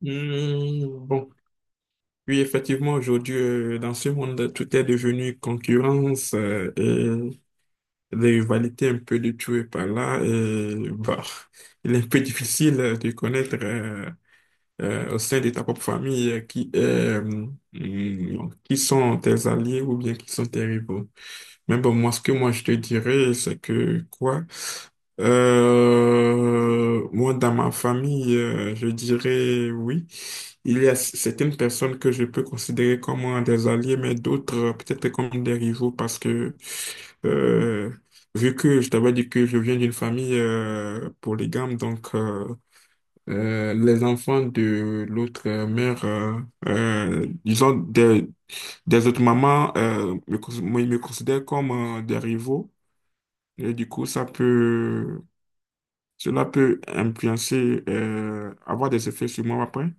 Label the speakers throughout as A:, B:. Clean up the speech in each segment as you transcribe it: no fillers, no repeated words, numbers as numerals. A: Hmm, bon, oui, effectivement, aujourd'hui, dans ce monde, tout est devenu concurrence et des rivalités un peu de tout et par là. Et bah, il est un peu difficile de connaître au sein de ta propre famille qui est, qui sont tes alliés ou bien qui sont tes rivaux. Mais bon, moi, je te dirais, c'est que quoi? Moi, dans ma famille, je dirais oui. Il y a certaines personnes que je peux considérer comme des alliés, mais d'autres peut-être comme des rivaux parce que, euh, vu que je t'avais dit que je viens d'une famille polygame, donc les enfants de l'autre mère, disons des autres mamans, moi, ils me considèrent comme des rivaux. Et du coup, cela peut influencer, avoir des effets sur moi après.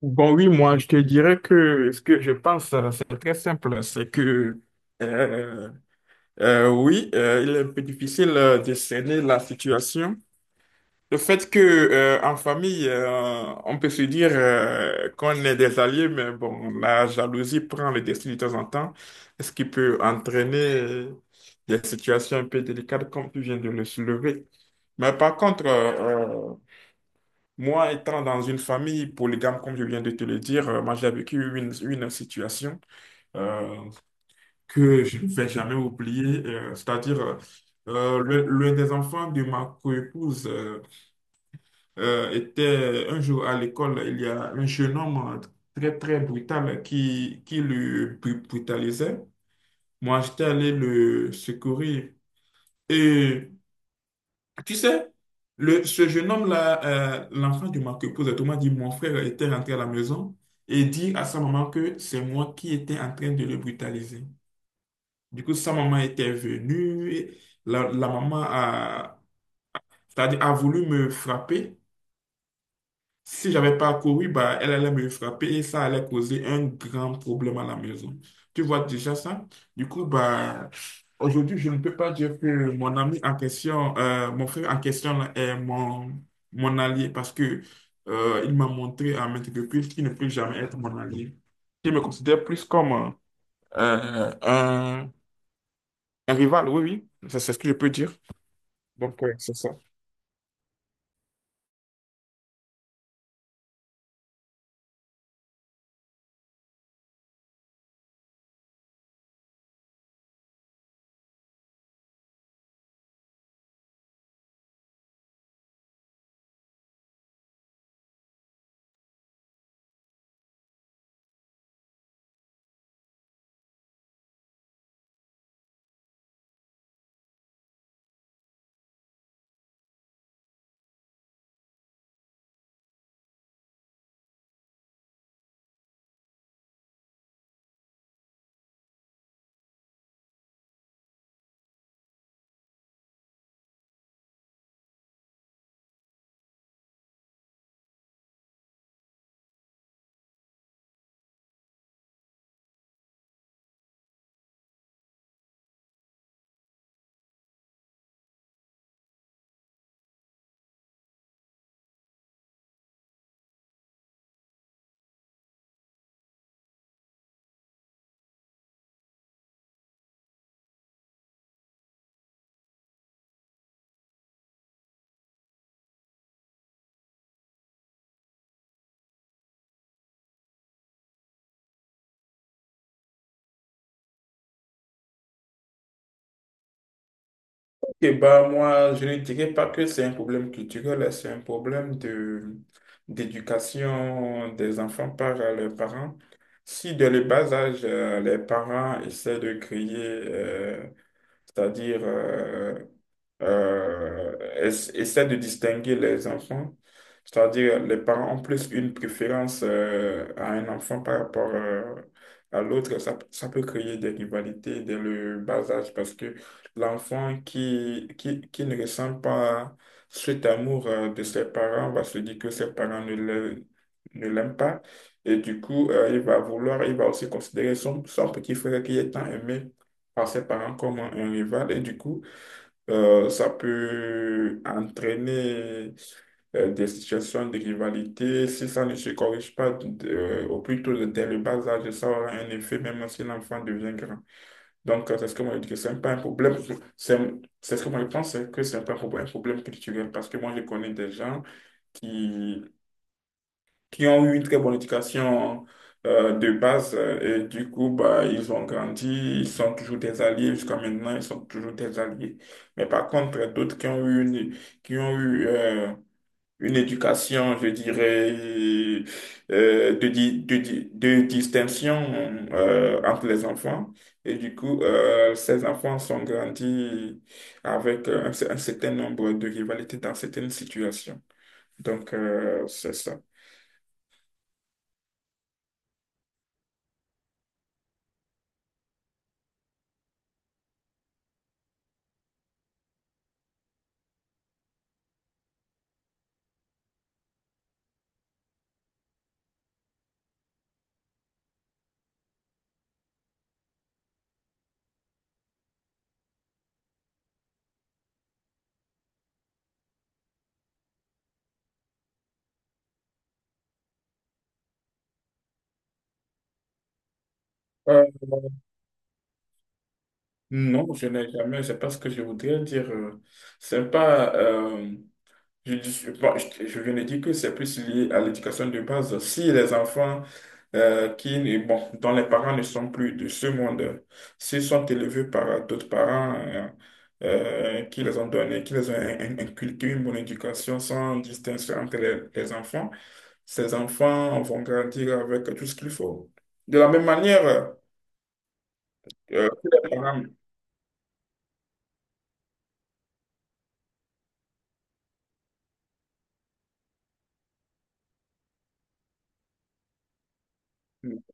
A: Bon, oui, moi, je te dirais que ce que je pense, c'est très simple. C'est que, euh, oui, il est un peu difficile de cerner la situation. Le fait que, en famille, on peut se dire qu'on est des alliés, mais bon, la jalousie prend le dessus de temps en temps, ce qui peut entraîner des situations un peu délicates, comme tu viens de le soulever. Mais par contre, moi, étant dans une famille polygame, comme je viens de te le dire, moi j'ai vécu une situation euh, que je ne vais jamais oublier, c'est-à-dire l'un des enfants de ma coépouse était un jour à l'école, il y a un jeune homme très très brutal qui le brutalisait. Moi, j'étais allé le secourir. Et tu sais, ce jeune homme-là, l'enfant du marquepose, tout m'a dit, mon frère était rentré à la maison et dit à sa maman que c'est moi qui étais en train de le brutaliser. Du coup, sa maman était venue, et la maman c'est-à-dire a voulu me frapper, si j'avais pas couru, bah, elle allait me frapper et ça allait causer un grand problème à la maison. Tu vois déjà ça? Du coup, bah, aujourd'hui, je ne peux pas dire que mon ami en question, mon frère en question là, est mon, mon allié parce que, il m'a montré à maintes reprises qu'il ne peut jamais être mon allié. Je me considère plus comme euh, un, un rival, oui, oui, c'est ce que je peux dire. Donc, ouais, c'est ça. Et bah, moi, je ne dirais pas que c'est un problème culturel, hein, c'est un problème de d'éducation des enfants par leurs parents. Si dès le bas âge, les parents essaient de créer, c'est-à-dire euh, essaie de distinguer les enfants. C'est-à-dire, les parents ont plus une préférence à un enfant par rapport à l'autre. Ça peut créer des rivalités dès le bas âge parce que l'enfant qui ne ressent pas cet amour de ses parents va se dire que ses parents ne l'aiment pas. Et du coup, il va vouloir, il va aussi considérer son, son petit frère qui est tant aimé par ses parents comme un rival. Et du coup, ça peut entraîner des situations de rivalité. Si ça ne se corrige pas au plus tôt dès le bas âge, ça aura un effet même si l'enfant devient grand. Donc, c'est ce que moi je dis que c'est pas un problème. C'est c'est ce que moi je pense, c'est que c'est pas un problème, un problème culturel. Parce que moi, je connais des gens qui qui ont eu une très bonne éducation de base et du coup bah, ils ont grandi, ils sont toujours des alliés jusqu'à maintenant, ils sont toujours des alliés. Mais par contre, d'autres qui ont eu une éducation, je dirais, de distinction entre les enfants. Et du coup, ces enfants sont grandis avec un certain nombre de rivalités dans certaines situations. Donc, c'est ça. Euh, Non, je n'ai jamais, c'est pas ce que je voudrais dire. C'est pas, bon, je viens de dire que c'est plus lié à l'éducation de base. Si les enfants qui, ne- bon, dont les parents ne sont plus de ce monde, s'ils sont élevés par d'autres parents qui les ont donnés, qui les ont inculqué une bonne éducation sans distinction entre les enfants, ces enfants vont grandir avec tout ce qu'il faut. De la même manière, que les parents,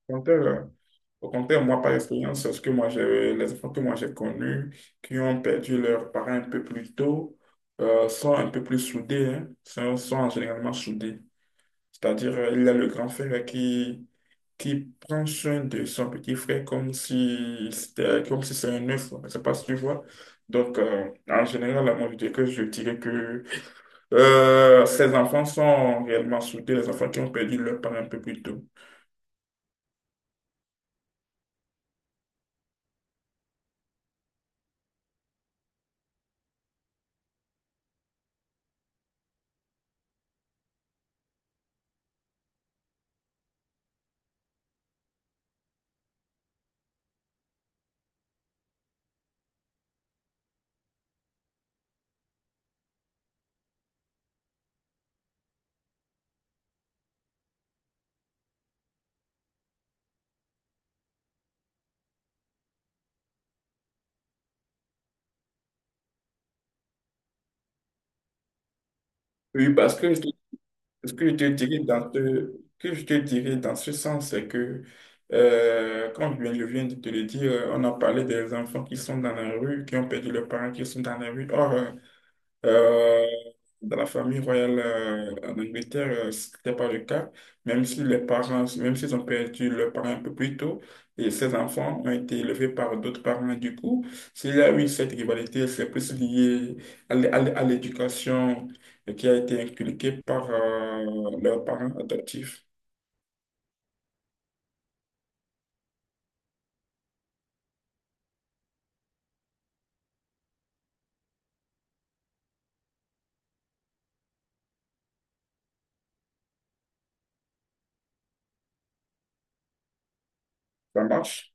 A: au contraire, Au contraire, moi, par expérience, c'est ce que moi j'ai, les enfants que moi j'ai connus qui ont perdu leurs parents un peu plus tôt sont un peu plus soudés, hein, sont, sont généralement soudés. C'est-à-dire, il y a le grand frère qui prend soin de son petit frère comme si c'était un œuf. Je sais pas si tu vois. Donc, en général, moi, je dirais que ces enfants sont réellement soudés, les enfants qui ont perdu leurs parents un peu plus tôt. Oui, parce que ce que je te dirais dans ce sens, c'est que, je viens de te le dire, on a parlé des enfants qui sont dans la rue, qui ont perdu leurs parents, qui sont dans la rue. Or, euh, dans la famille royale en Angleterre, ce n'était pas le cas. Même si les parents, même s'ils ont perdu leurs parents un peu plus tôt, et ces enfants ont été élevés par d'autres parents. Du coup, s'il y a eu cette rivalité, c'est plus lié à l'éducation qui a été inculquée par leurs parents adoptifs. Ça marche?